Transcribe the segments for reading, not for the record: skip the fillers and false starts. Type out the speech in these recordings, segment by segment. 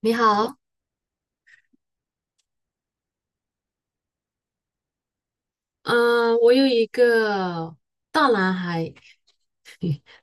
你好，嗯、我有一个大男孩，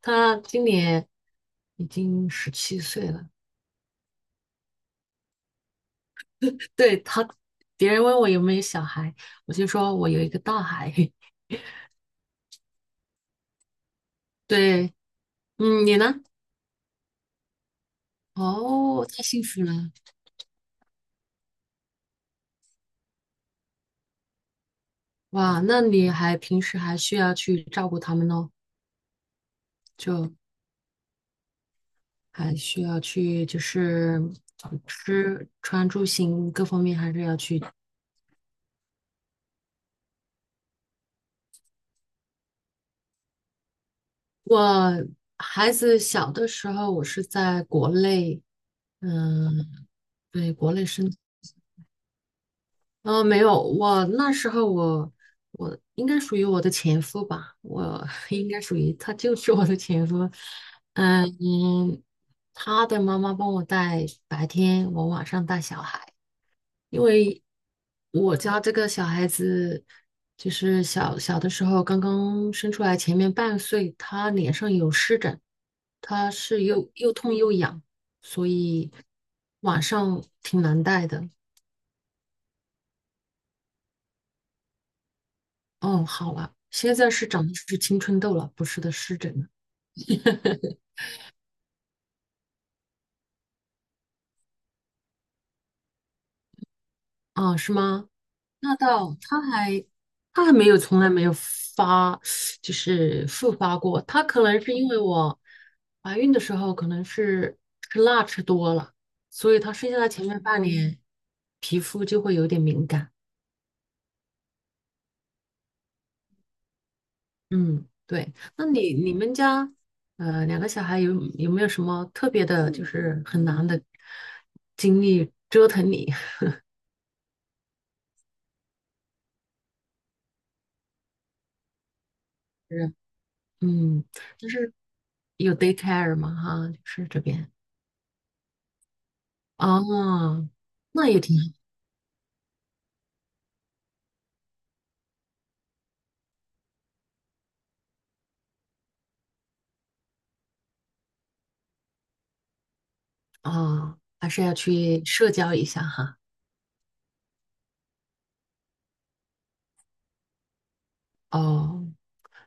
他今年已经17岁了。对他，别人问我有没有小孩，我就说我有一个大孩。对，嗯，你呢？哦，太幸福了，哇！那你还平时还需要去照顾他们哦，就还需要去就是吃穿住行各方面还是要去我孩子小的时候，我是在国内。嗯，对，国内生。没有，我那时候我应该属于我的前夫吧，我 应该属于他就是我的前夫。嗯嗯，他的妈妈帮我带白天，我晚上带小孩。因为我家这个小孩子，就是小小的时候刚刚生出来，前面半岁，他脸上有湿疹，他是又痛又痒，所以晚上挺难带的。哦，好了，现在是长的是青春痘了，不是的湿疹了。啊，是吗？那倒，他还没有，从来没有发，就是复发过。他可能是因为我怀孕的时候可能是吃辣吃多了，所以他生下来前面半年皮肤就会有点敏感。嗯，对。那你们家两个小孩有没有什么特别的，就是很难的经历折腾你？是，嗯，就是有 daycare 吗？哈，就是这边。哦，那也挺好啊，还是要去社交一下哈。哦，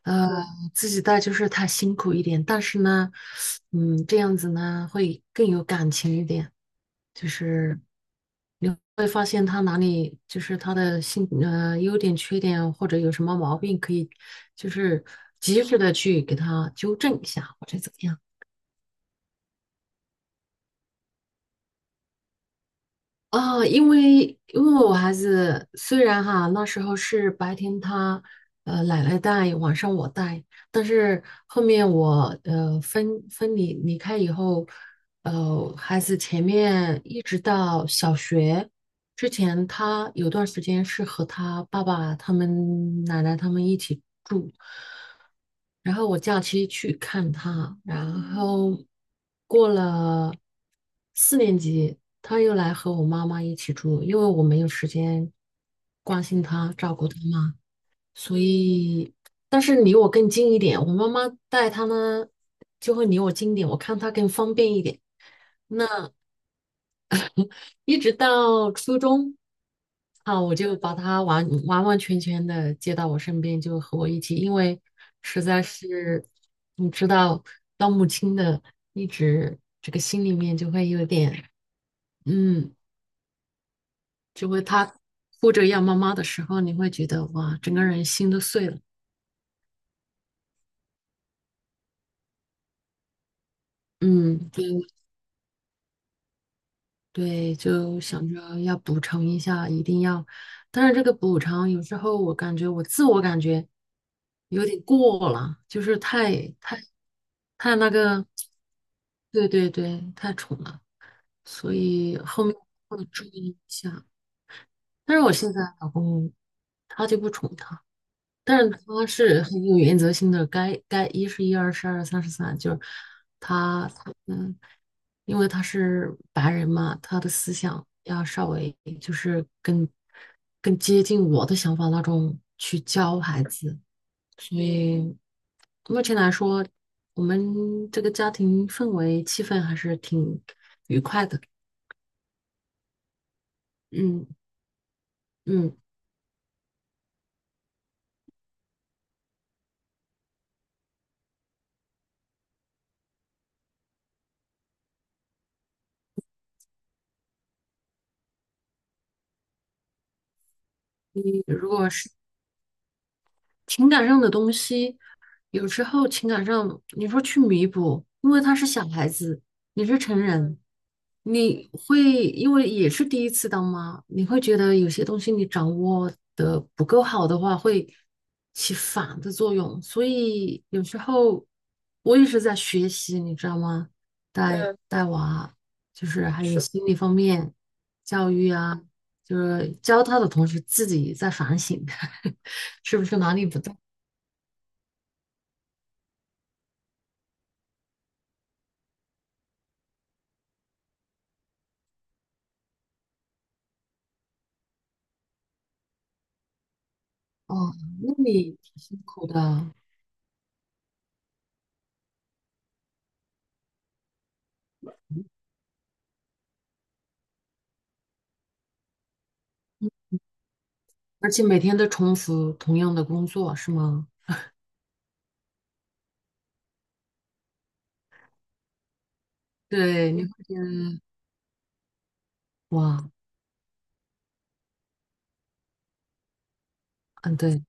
呃，自己带就是他辛苦一点，但是呢，嗯，这样子呢会更有感情一点，就是会发现他哪里就是他的性优点、缺点或者有什么毛病，可以就是及时的去给他纠正一下或者怎么样。啊，因为我孩子虽然哈那时候是白天他奶奶带，晚上我带。但是后面我分离开以后，孩子前面一直到小学之前，他有段时间是和他爸爸他们奶奶他们一起住，然后我假期去看他。然后过了4年级，他又来和我妈妈一起住，因为我没有时间关心他、照顾他嘛，所以但是离我更近一点，我妈妈带他呢就会离我近一点，我看他更方便一点。那一直到初中，啊，我就把他完完完全全的接到我身边，就和我一起，因为实在是你知道，当母亲的一直这个心里面就会有点。嗯，就会她哭着要妈妈的时候，你会觉得哇，整个人心都碎了。嗯，对对，就想着要补偿一下，一定要。但是这个补偿有时候我感觉我自我感觉有点过了，就是太那个。对对对，太宠了，所以后面会注意一下。但是我现在老公他就不宠他，但是他是很有原则性的，该一是一，二是二，三是三，就是他嗯，因为他是白人嘛，他的思想要稍微就是更接近我的想法那种去教孩子。所以目前来说，我们这个家庭氛围气氛还是挺。嗯嗯，你如果是情感上的东西，有时候情感上你说去弥补，因为他是小孩子，你是成人，你会因为也是第一次当妈，你会觉得有些东西你掌握的不够好的话，会起反的作用。所以有时候我也是在学习，你知道吗？带带娃，就是还有是心理方面教育啊，就是教他的同时自己在反省。是不是哪里不对？哦，那你挺辛苦的，而且每天都重复同样的工作，是吗？对，你会觉得哇，嗯，对。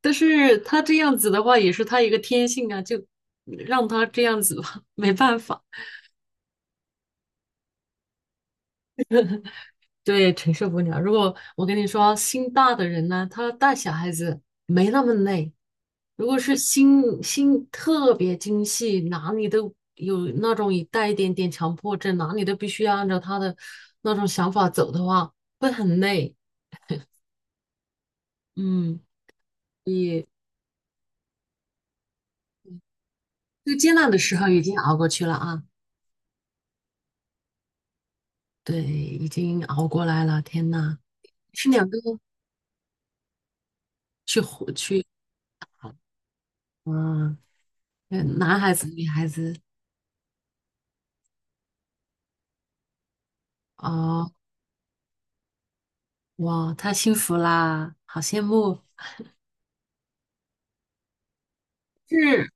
但是他这样子的话，也是他一个天性啊，就让他这样子吧，没办法。对，承受不了。如果我跟你说，心大的人呢，他带小孩子没那么累。如果是心特别精细，哪里都有那种一带一点点强迫症，哪里都必须要按照他的那种想法走的话，会很累。嗯，最艰难的时候已经熬过去了啊，对，已经熬过来了。天呐，是两个去活去，嗯，男孩子女孩子，啊！哇，太幸福啦，好羡慕。是，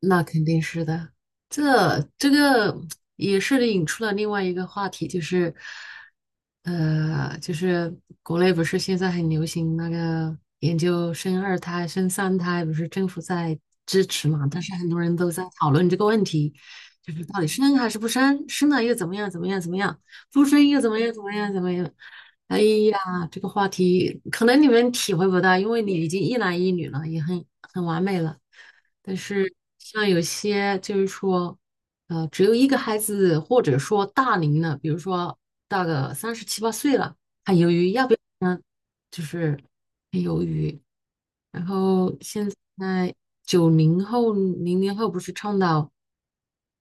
那肯定是的。这个也是引出了另外一个话题，就是，就是国内不是现在很流行那个研究生二胎、生三胎，不是政府在支持嘛？但是很多人都在讨论这个问题，就是到底生还是不生？生了又怎么样？怎么样？怎么样？不生又怎么样？怎么样？怎么样？哎呀，这个话题可能你们体会不到，因为你已经一男一女了，也很完美了。但是像有些就是说，只有一个孩子，或者说大龄了，比如说大个三十七八岁了，还犹豫要不要呢，就是很犹豫。然后现在90后、00后不是倡导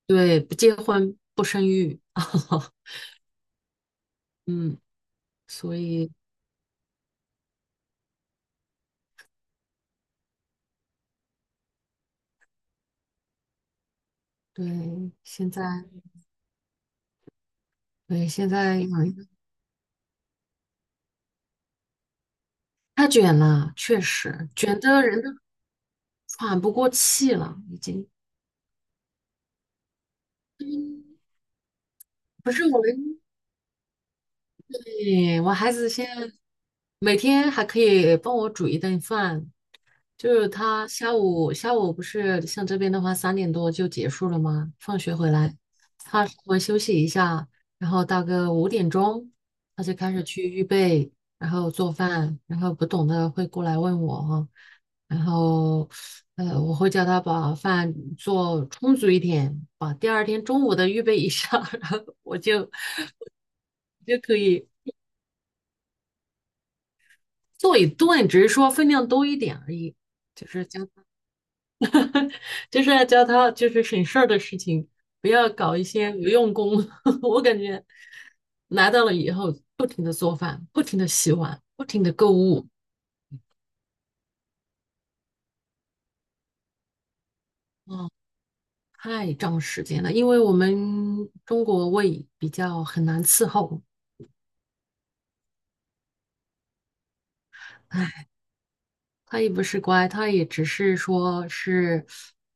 对不结婚不生育。嗯，所以对现在对现在太卷了，确实卷的人都喘不过气了，已经。不是我们，对，我孩子现在每天还可以帮我煮一顿饭，就是他下午不是像这边的话3点多就结束了吗？放学回来，他稍微休息一下，然后大概5点钟他就开始去预备，然后做饭，然后不懂的会过来问我哈。然后我会叫他把饭做充足一点，把第二天中午的预备一下，然后我就可以做一顿，只是说分量多一点而已，就是加。就是要教他就是省事儿的事情，不要搞一些无用功。我感觉来到了以后，不停的做饭，不停的洗碗，不停的购物，嗯，太占时间了。因为我们中国胃比较很难伺候。哎，他也不是乖，他也只是说是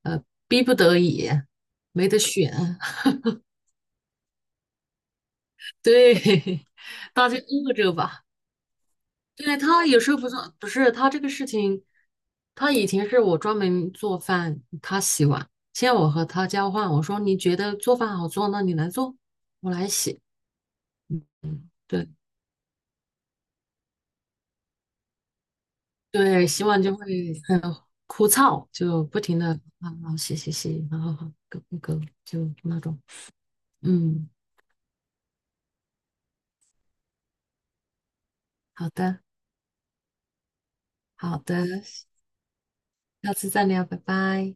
呃逼不得已，没得选。对，大家饿着吧。对，他有时候不做，不是他这个事情，他以前是我专门做饭，他洗碗。现在我和他交换，我说你觉得做饭好做，那你来做，我来洗。对对，洗碗就会很枯燥，就不停的啊啊洗洗洗，然后好勾 g 勾，就那种。嗯，好的好的，下次再聊，拜拜。